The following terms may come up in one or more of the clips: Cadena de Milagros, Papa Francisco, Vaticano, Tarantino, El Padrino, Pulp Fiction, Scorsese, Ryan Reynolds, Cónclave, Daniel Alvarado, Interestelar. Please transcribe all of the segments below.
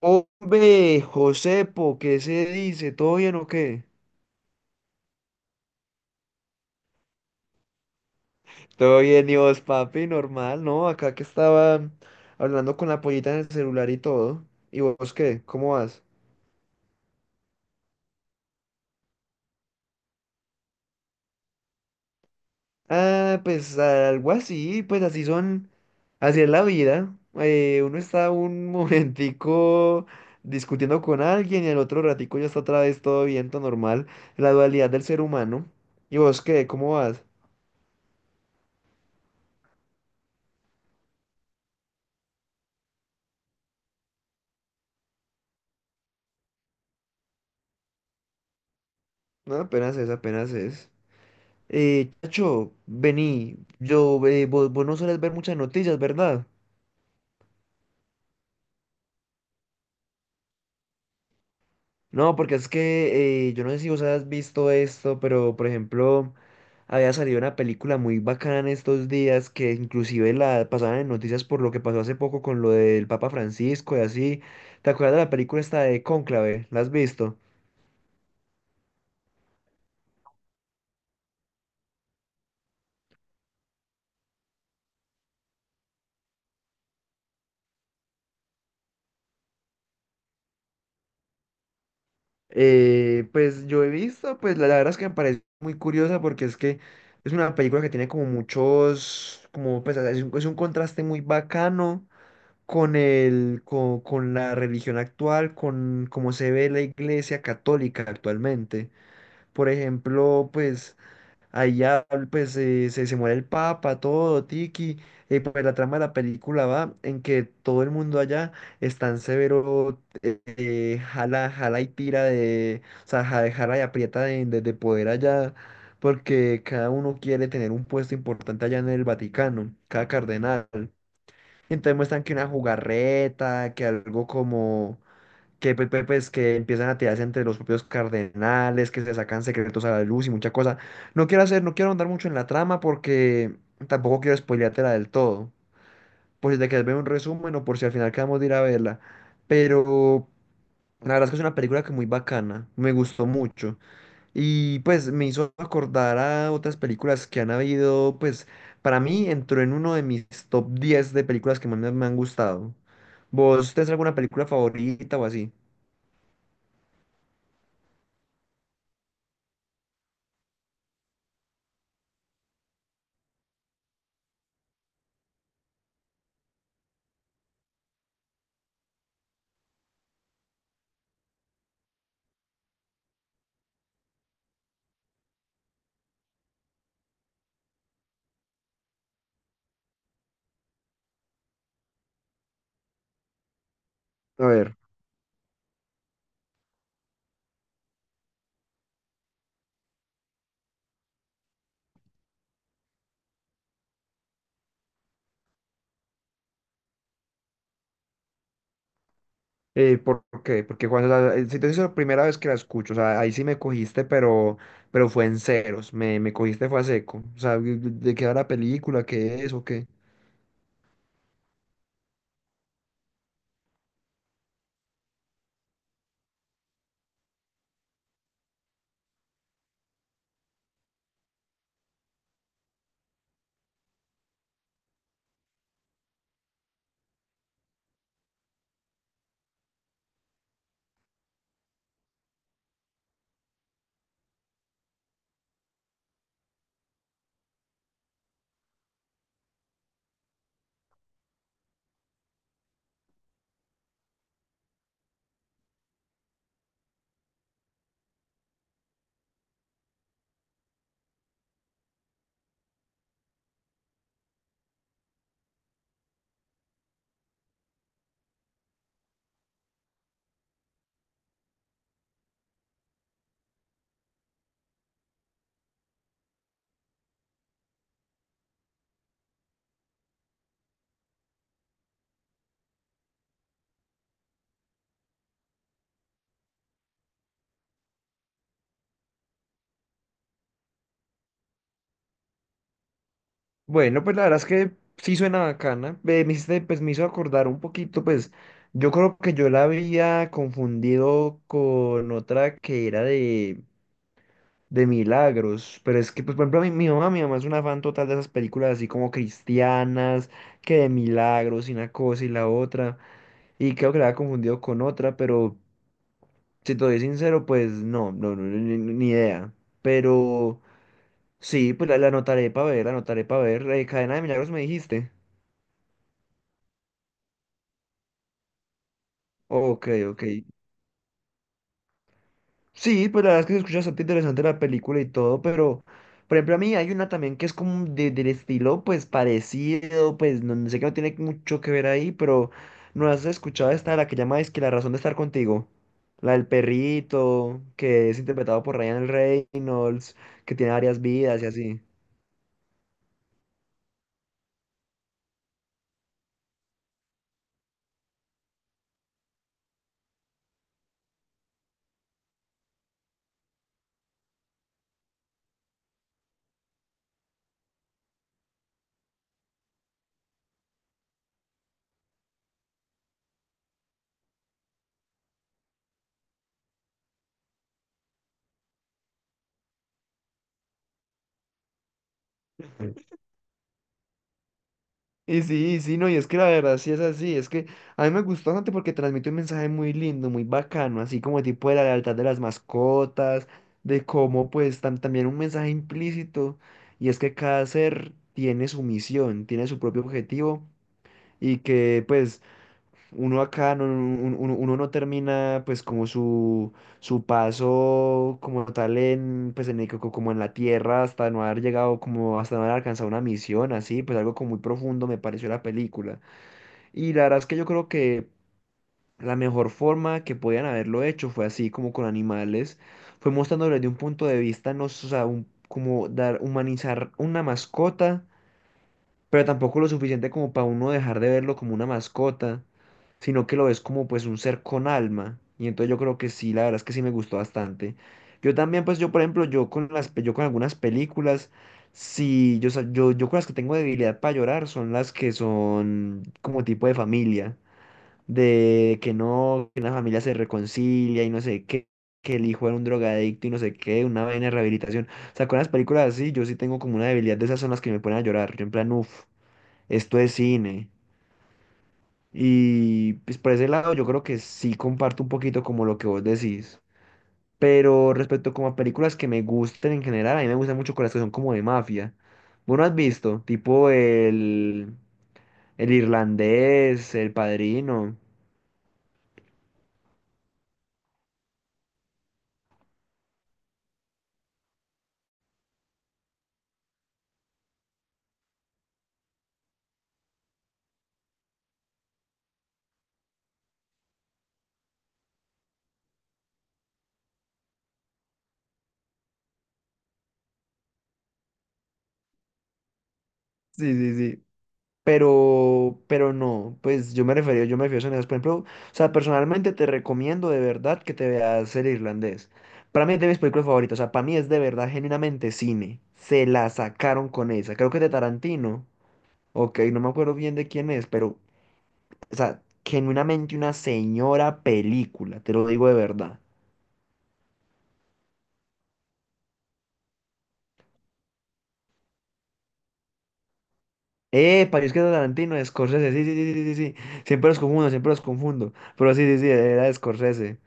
Hombre, Josepo, ¿qué se dice? ¿Todo bien o qué? Todo bien, y vos, papi, normal, ¿no? Acá que estaba hablando con la pollita en el celular y todo. ¿Y vos qué? ¿Cómo vas? Ah, pues algo así, pues así son, así es la vida. Uno está un momentico discutiendo con alguien y el otro ratico ya está otra vez todo bien, todo normal. La dualidad del ser humano. ¿Y vos qué? ¿Cómo vas? No, apenas es, apenas es. Chacho, vení, vos no sueles ver muchas noticias, ¿verdad? No, porque es que yo no sé si vos has visto esto, pero por ejemplo, había salido una película muy bacana en estos días que inclusive la pasaban en noticias por lo que pasó hace poco con lo del Papa Francisco y así. ¿Te acuerdas de la película esta de Cónclave? ¿La has visto? Pues yo he visto, pues la verdad es que me parece muy curiosa porque es que es una película que tiene como muchos, como pues es un contraste muy bacano con la religión actual, con cómo se ve la iglesia católica actualmente. Por ejemplo, pues allá pues se muere el papa, todo, tiki, y pues la trama de la película va en que todo el mundo allá es tan severo, jala, jala y tira de, o sea, jala y aprieta de poder allá, porque cada uno quiere tener un puesto importante allá en el Vaticano, cada cardenal. Entonces muestran que una jugarreta, que algo como, que pues, que empiezan a tirarse entre los propios cardenales, que se sacan secretos a la luz y mucha cosa. No quiero hacer, no quiero andar mucho en la trama porque tampoco quiero spoileártela del todo. Por si te quieres ver un resumen o por si al final quedamos de ir a verla. Pero la verdad es que es una película que muy bacana, me gustó mucho. Y pues me hizo acordar a otras películas que han habido, pues para mí entró en uno de mis top 10 de películas que más me, me han gustado. ¿Vos tenés alguna película favorita o así? A ver. ¿Por qué? Porque cuando si te digo, la primera vez que la escucho, o sea, ahí sí me cogiste, pero fue en ceros, me cogiste fue a seco. O sea, ¿de qué va la película? ¿Qué es o qué? Bueno, pues la verdad es que sí suena bacana. Pues me hizo acordar un poquito, pues yo creo que yo la había confundido con otra que era de Milagros, pero es que, pues por ejemplo, mi mamá es una fan total de esas películas así como cristianas, que de Milagros y una cosa y la otra, y creo que la había confundido con otra, pero si te doy sincero, pues no, no, no, ni idea. Pero sí, pues la anotaré para ver, la anotaré para ver. Cadena de Milagros me dijiste. Ok, ok. Sí, pues la verdad es que se escucha bastante interesante la película y todo, pero por ejemplo a mí hay una también que es como del estilo pues parecido, pues no, no sé que no tiene mucho que ver ahí, pero no has escuchado esta, la que llama es que la razón de estar contigo, la del perrito, que es interpretado por Ryan Reynolds, que tiene varias vidas y así. Y sí, no, y es que la verdad sí es así, es que a mí me gustó bastante porque transmite un mensaje muy lindo, muy bacano, así como tipo de la lealtad de las mascotas, de cómo pues también un mensaje implícito, y es que cada ser tiene su misión, tiene su propio objetivo, y que pues uno acá no, uno no termina pues como su paso como tal en pues en el como en la tierra hasta no haber llegado, como hasta no haber alcanzado una misión, así pues algo como muy profundo me pareció la película, y la verdad es que yo creo que la mejor forma que podían haberlo hecho fue así como con animales, fue mostrándoles de un punto de vista no s- o sea, como dar humanizar una mascota, pero tampoco lo suficiente como para uno dejar de verlo como una mascota, sino que lo ves como pues un ser con alma. Y entonces yo creo que sí, la verdad es que sí me gustó bastante. Yo también, pues yo por ejemplo, yo con algunas películas, sí, yo con las que tengo debilidad para llorar son las que son como tipo de familia, de que no, que una familia se reconcilia y no sé qué, que el hijo era un drogadicto y no sé qué, una vaina de rehabilitación. O sea, con las películas así, yo sí tengo como una debilidad, de esas son las que me ponen a llorar. Yo en plan, uff, esto es cine. Y pues por ese lado yo creo que sí comparto un poquito como lo que vos decís. Pero respecto como a películas que me gusten en general, a mí me gustan mucho con las que son como de mafia. ¿Vos no has visto? Tipo el irlandés, El Padrino. Sí, sí, sí. pero, no, pues yo me refería, yo me refiero a sonidos, por ejemplo, o sea, personalmente te recomiendo de verdad que te veas el irlandés. Para mí es de mis películas favoritas, o sea, para mí es de verdad genuinamente cine. Se la sacaron con esa, creo que es de Tarantino, ok, no me acuerdo bien de quién es, pero, o sea, genuinamente una señora película, te lo digo de verdad. Para es que es de Tarantino, de Scorsese, sí, sí, sí, sí, sí, sí, siempre los confundo, pero sí, sí, sí, era de Scorsese.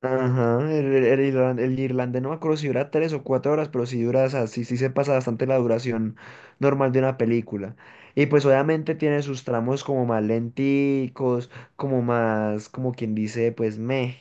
Ajá, el irlandés no me acuerdo si dura 3 o 4 horas, pero si dura, o sea, sí, sí se pasa bastante la duración normal de una película. Y pues obviamente tiene sus tramos como más lenticos, como más, como quien dice, pues meh.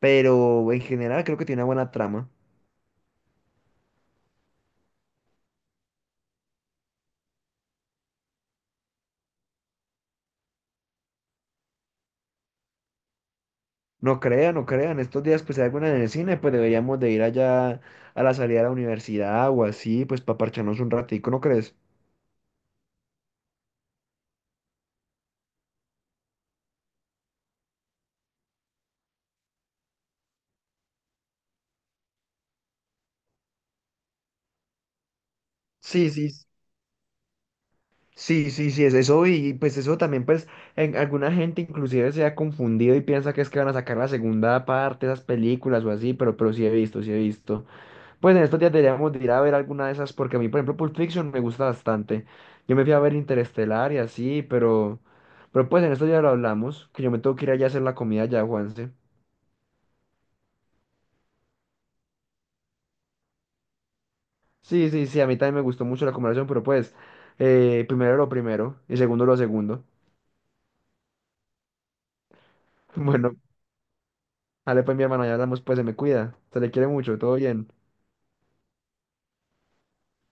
Pero en general creo que tiene una buena trama. No crean, no crean, estos días pues hay alguna en el cine, pues deberíamos de ir allá a la salida de la universidad o así, pues para parcharnos un ratico, ¿no crees? Sí, sí, sí, sí, sí, es eso, y pues eso también pues alguna gente inclusive se ha confundido y piensa que es que van a sacar la segunda parte de esas películas o así, pero, sí he visto, sí he visto. Pues en estos días deberíamos de ir a ver alguna de esas porque a mí por ejemplo Pulp Fiction me gusta bastante. Yo me fui a ver Interestelar y así, pero pues en estos días lo hablamos, que yo me tengo que ir allá a hacer la comida ya, Juanse. Sí, sí, sí, a mí también me gustó mucho la conversación, pero pues primero lo primero y segundo lo segundo. Bueno, dale, pues mi hermano, ya hablamos, pues se me cuida. Se le quiere mucho, todo bien.